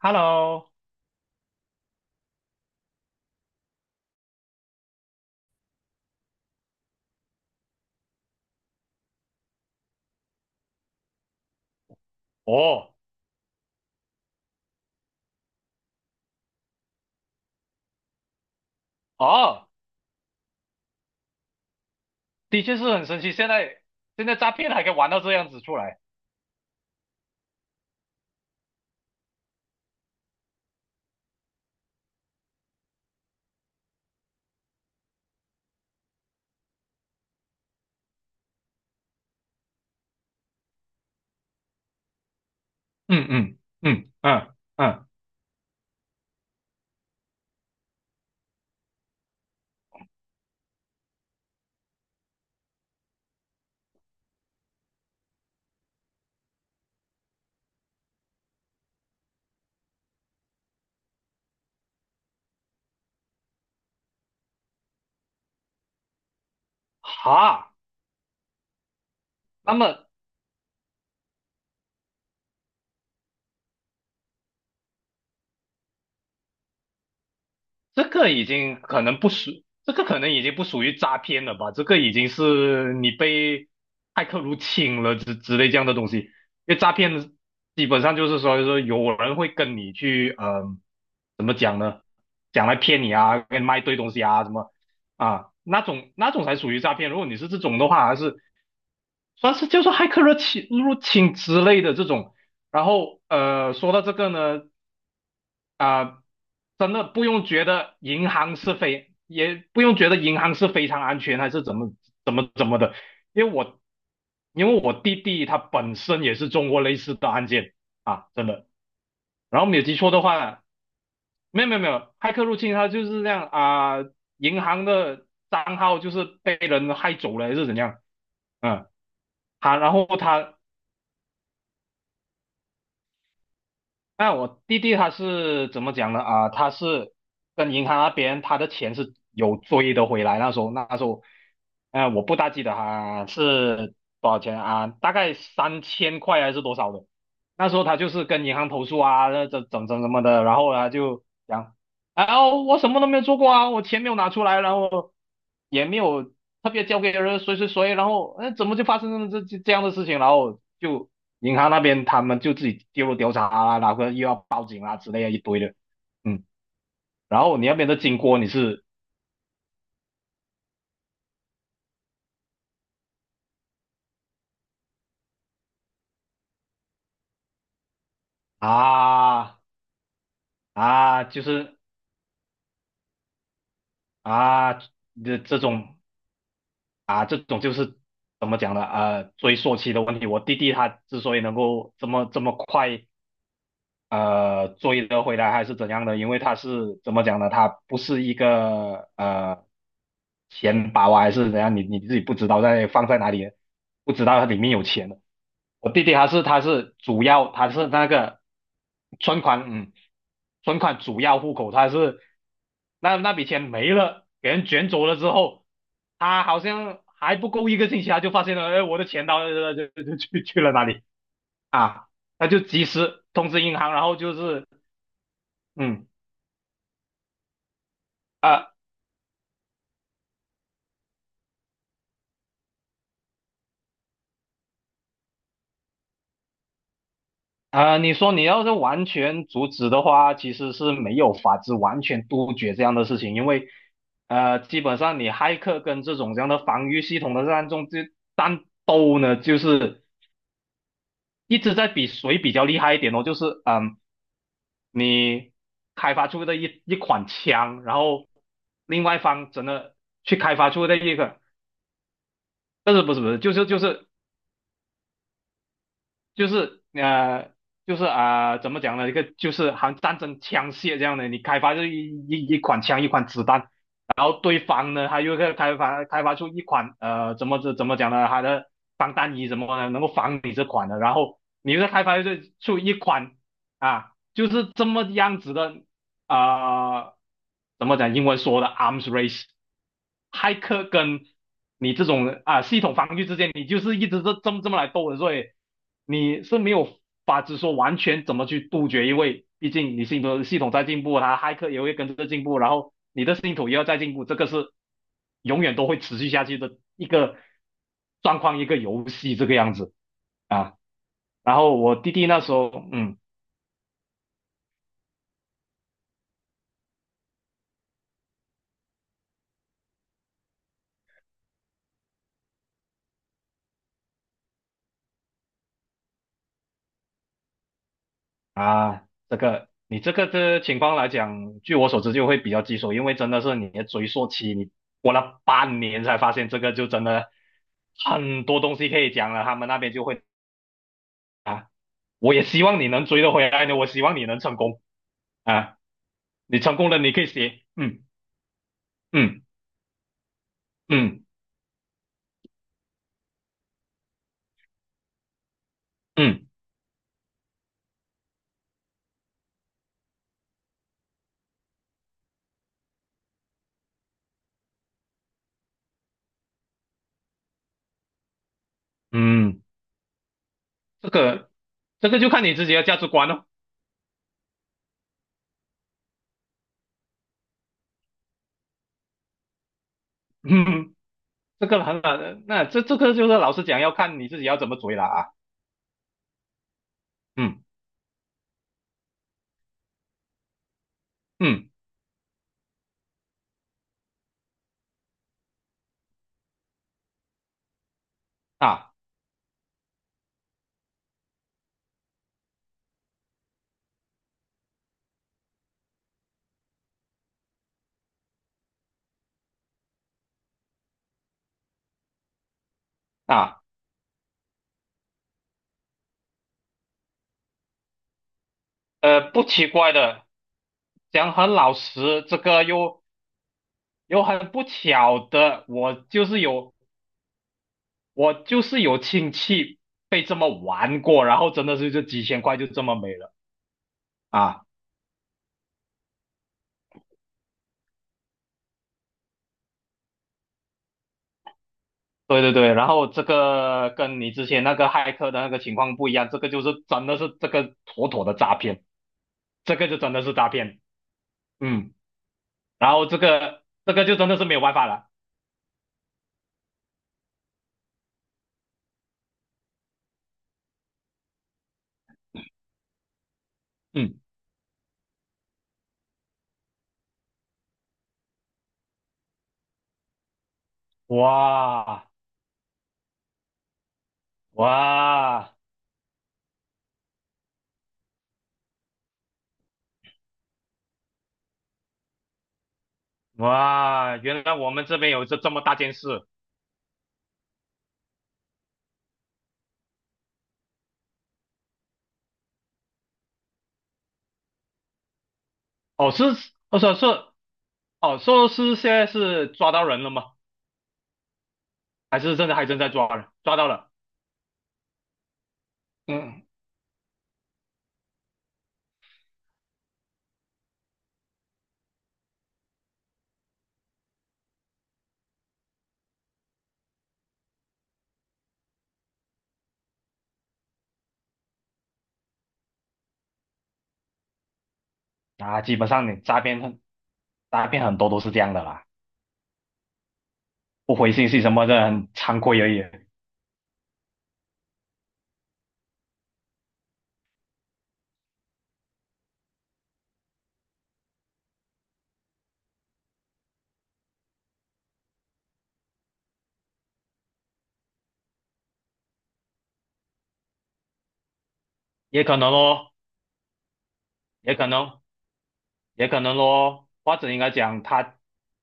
Hello，哦哦，的确是很神奇。现在诈骗还可以玩到这样子出来。嗯嗯嗯嗯嗯。哈。那么这个已经可能不属，这个可能已经不属于诈骗了吧？这个已经是你被骇客入侵了之类这样的东西。因为诈骗基本上就是说，说有人会跟你去，怎么讲呢？讲来骗你啊，给你卖一堆东西啊，什么啊，那种才属于诈骗。如果你是这种的话，还是算是叫做骇客入侵之类的这种。然后说到这个呢，啊、真的不用觉得银行是非，也不用觉得银行是非常安全还是怎么的。因为我弟弟他本身也是中过类似的案件啊，真的。然后没有记错的话，没有没有没有，骇客入侵他就是这样啊、银行的账号就是被人害走了还是怎样。嗯。他然后他那我弟弟他是怎么讲呢？啊，他是跟银行那边他的钱是有追的回来。那时候，呃，我不大记得他是多少钱啊，大概三千块还是多少的。那时候他就是跟银行投诉啊，这这怎怎什么的，然后呢就讲，啊，我什么都没有做过啊，我钱没有拿出来，然后也没有特别交给人谁谁谁，然后哎怎么就发生这样的事情，然后就银行那边他们就自己介入调查啊，然后又要报警啊之类的一堆的。嗯。然后你那边的经过你是啊就是啊这种啊这种就是怎么讲呢？呃，追溯期的问题，我弟弟他之所以能够这么快。呃追得回来还是怎样的，因为他是怎么讲呢？他不是一个钱包啊，还是怎样？你自己不知道在放在哪里，不知道它里面有钱的。我弟弟他是主要他是那个存款。嗯。存款主要户口，他是那笔钱没了，给人卷走了之后，他好像还不够一个星期，他就发现了，哎，我的钱到就去了哪里啊？他就及时通知银行，然后就是嗯。啊。你说你要是完全阻止的话，其实是没有法子完全杜绝这样的事情，因为基本上你骇客跟这种这样的防御系统的战中这战斗呢，就是一直在比谁比较厉害一点哦，就是你开发出的一款枪，然后另外一方真的去开发出的一个，不是不是不是，就是呃，就是啊、怎么讲呢？一个就是好像战争枪械这样的，你开发出一款枪，一款子弹，然后对方呢，他又开发出一款怎么讲呢？他的防弹衣什么的，能够防你这款的，然后你又再开发出一款啊，就是这么样子的啊、怎么讲？英文说的 arms race，骇客跟你这种啊系统防御之间，你就是一直这么来斗的，所以你是没有法子说完全怎么去杜绝，因为毕竟你系统在进步，它骇客也会跟着进步，然后你的系统也要在进步，这个是永远都会持续下去的一个状况，一个游戏这个样子啊。然后我弟弟那时候，嗯。啊，这个你这个的情况来讲，据我所知就会比较棘手，因为真的是你的追溯期，你过了半年才发现这个，就真的很多东西可以讲了。他们那边就会啊，我也希望你能追得回来呢，我希望你能成功啊，你成功了，你可以写，嗯嗯嗯嗯嗯，这个就看你自己的价值观了、哦，嗯，这个很难，那这个就是老实讲，要看你自己要怎么追了啊。嗯。嗯。啊。啊不奇怪的，讲很老实，这个又又很不巧的，我就是有亲戚被这么玩过，然后真的是就几千块就这么没了啊！对对对，然后这个跟你之前那个骇客的那个情况不一样，这个就是真的是这个妥妥的诈骗，这个就真的是诈骗。嗯。然后这个就真的是没有办法了。嗯。哇哇，原来我们这边有这么大件事。哦，是，我说是，哦，说是现在是抓到人了吗？还是正在抓人？抓到了。嗯。啊，基本上你诈骗很多都是这样的啦，不回信息什么的很惭愧而已。也可能咯，也可能，也可能咯，或者应该讲他，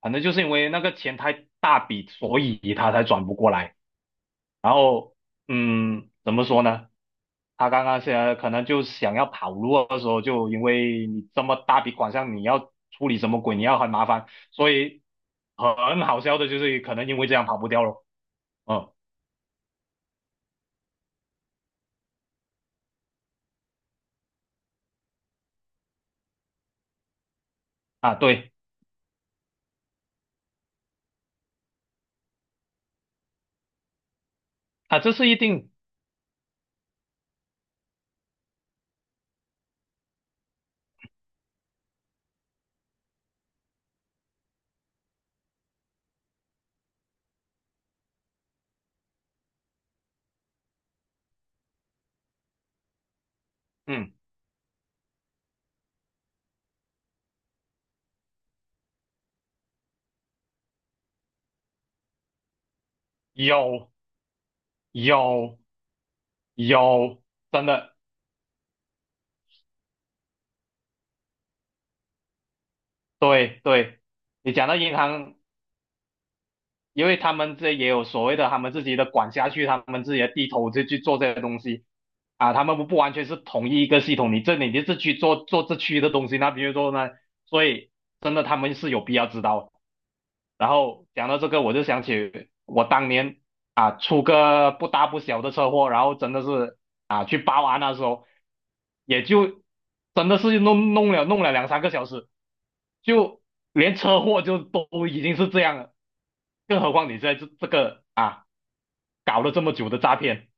反正就是因为那个钱太大笔，所以他才转不过来。然后，嗯，怎么说呢？他现在可能就想要跑路的时候，就因为你这么大笔款项，你要处理什么鬼，你要很麻烦，所以很好笑的就是可能因为这样跑不掉了。嗯。啊，对啊，这是一定。嗯。有有有，真的，对对，你讲到银行因为他们这也有所谓的他们自己的管辖区，他们自己的地头就去做这些东西啊，他们不完全是同一个系统，你这里你这区做这区的东西，那比如说呢，所以真的他们是有必要知道的。然后讲到这个，我就想起我当年啊出个不大不小的车祸，然后真的是啊去报案那时候，也就真的是弄了两三个小时，就连车祸就都已经是这样了，更何况你在这个啊搞了这么久的诈骗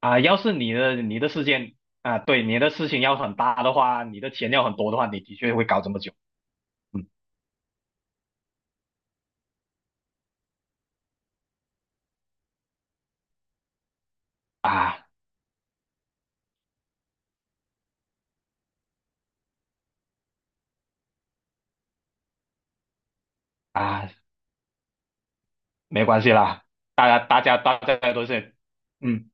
啊，要是你的事件啊，对你的事情要很大的话，你的钱要很多的话，你的确会搞这么久。嗯。啊。啊，没关系啦，大家大家都是。嗯。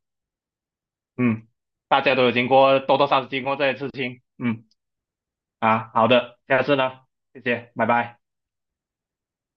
嗯。大家都有经过多多少少经过这些事情。嗯。啊，好的，下次呢，谢谢，拜拜。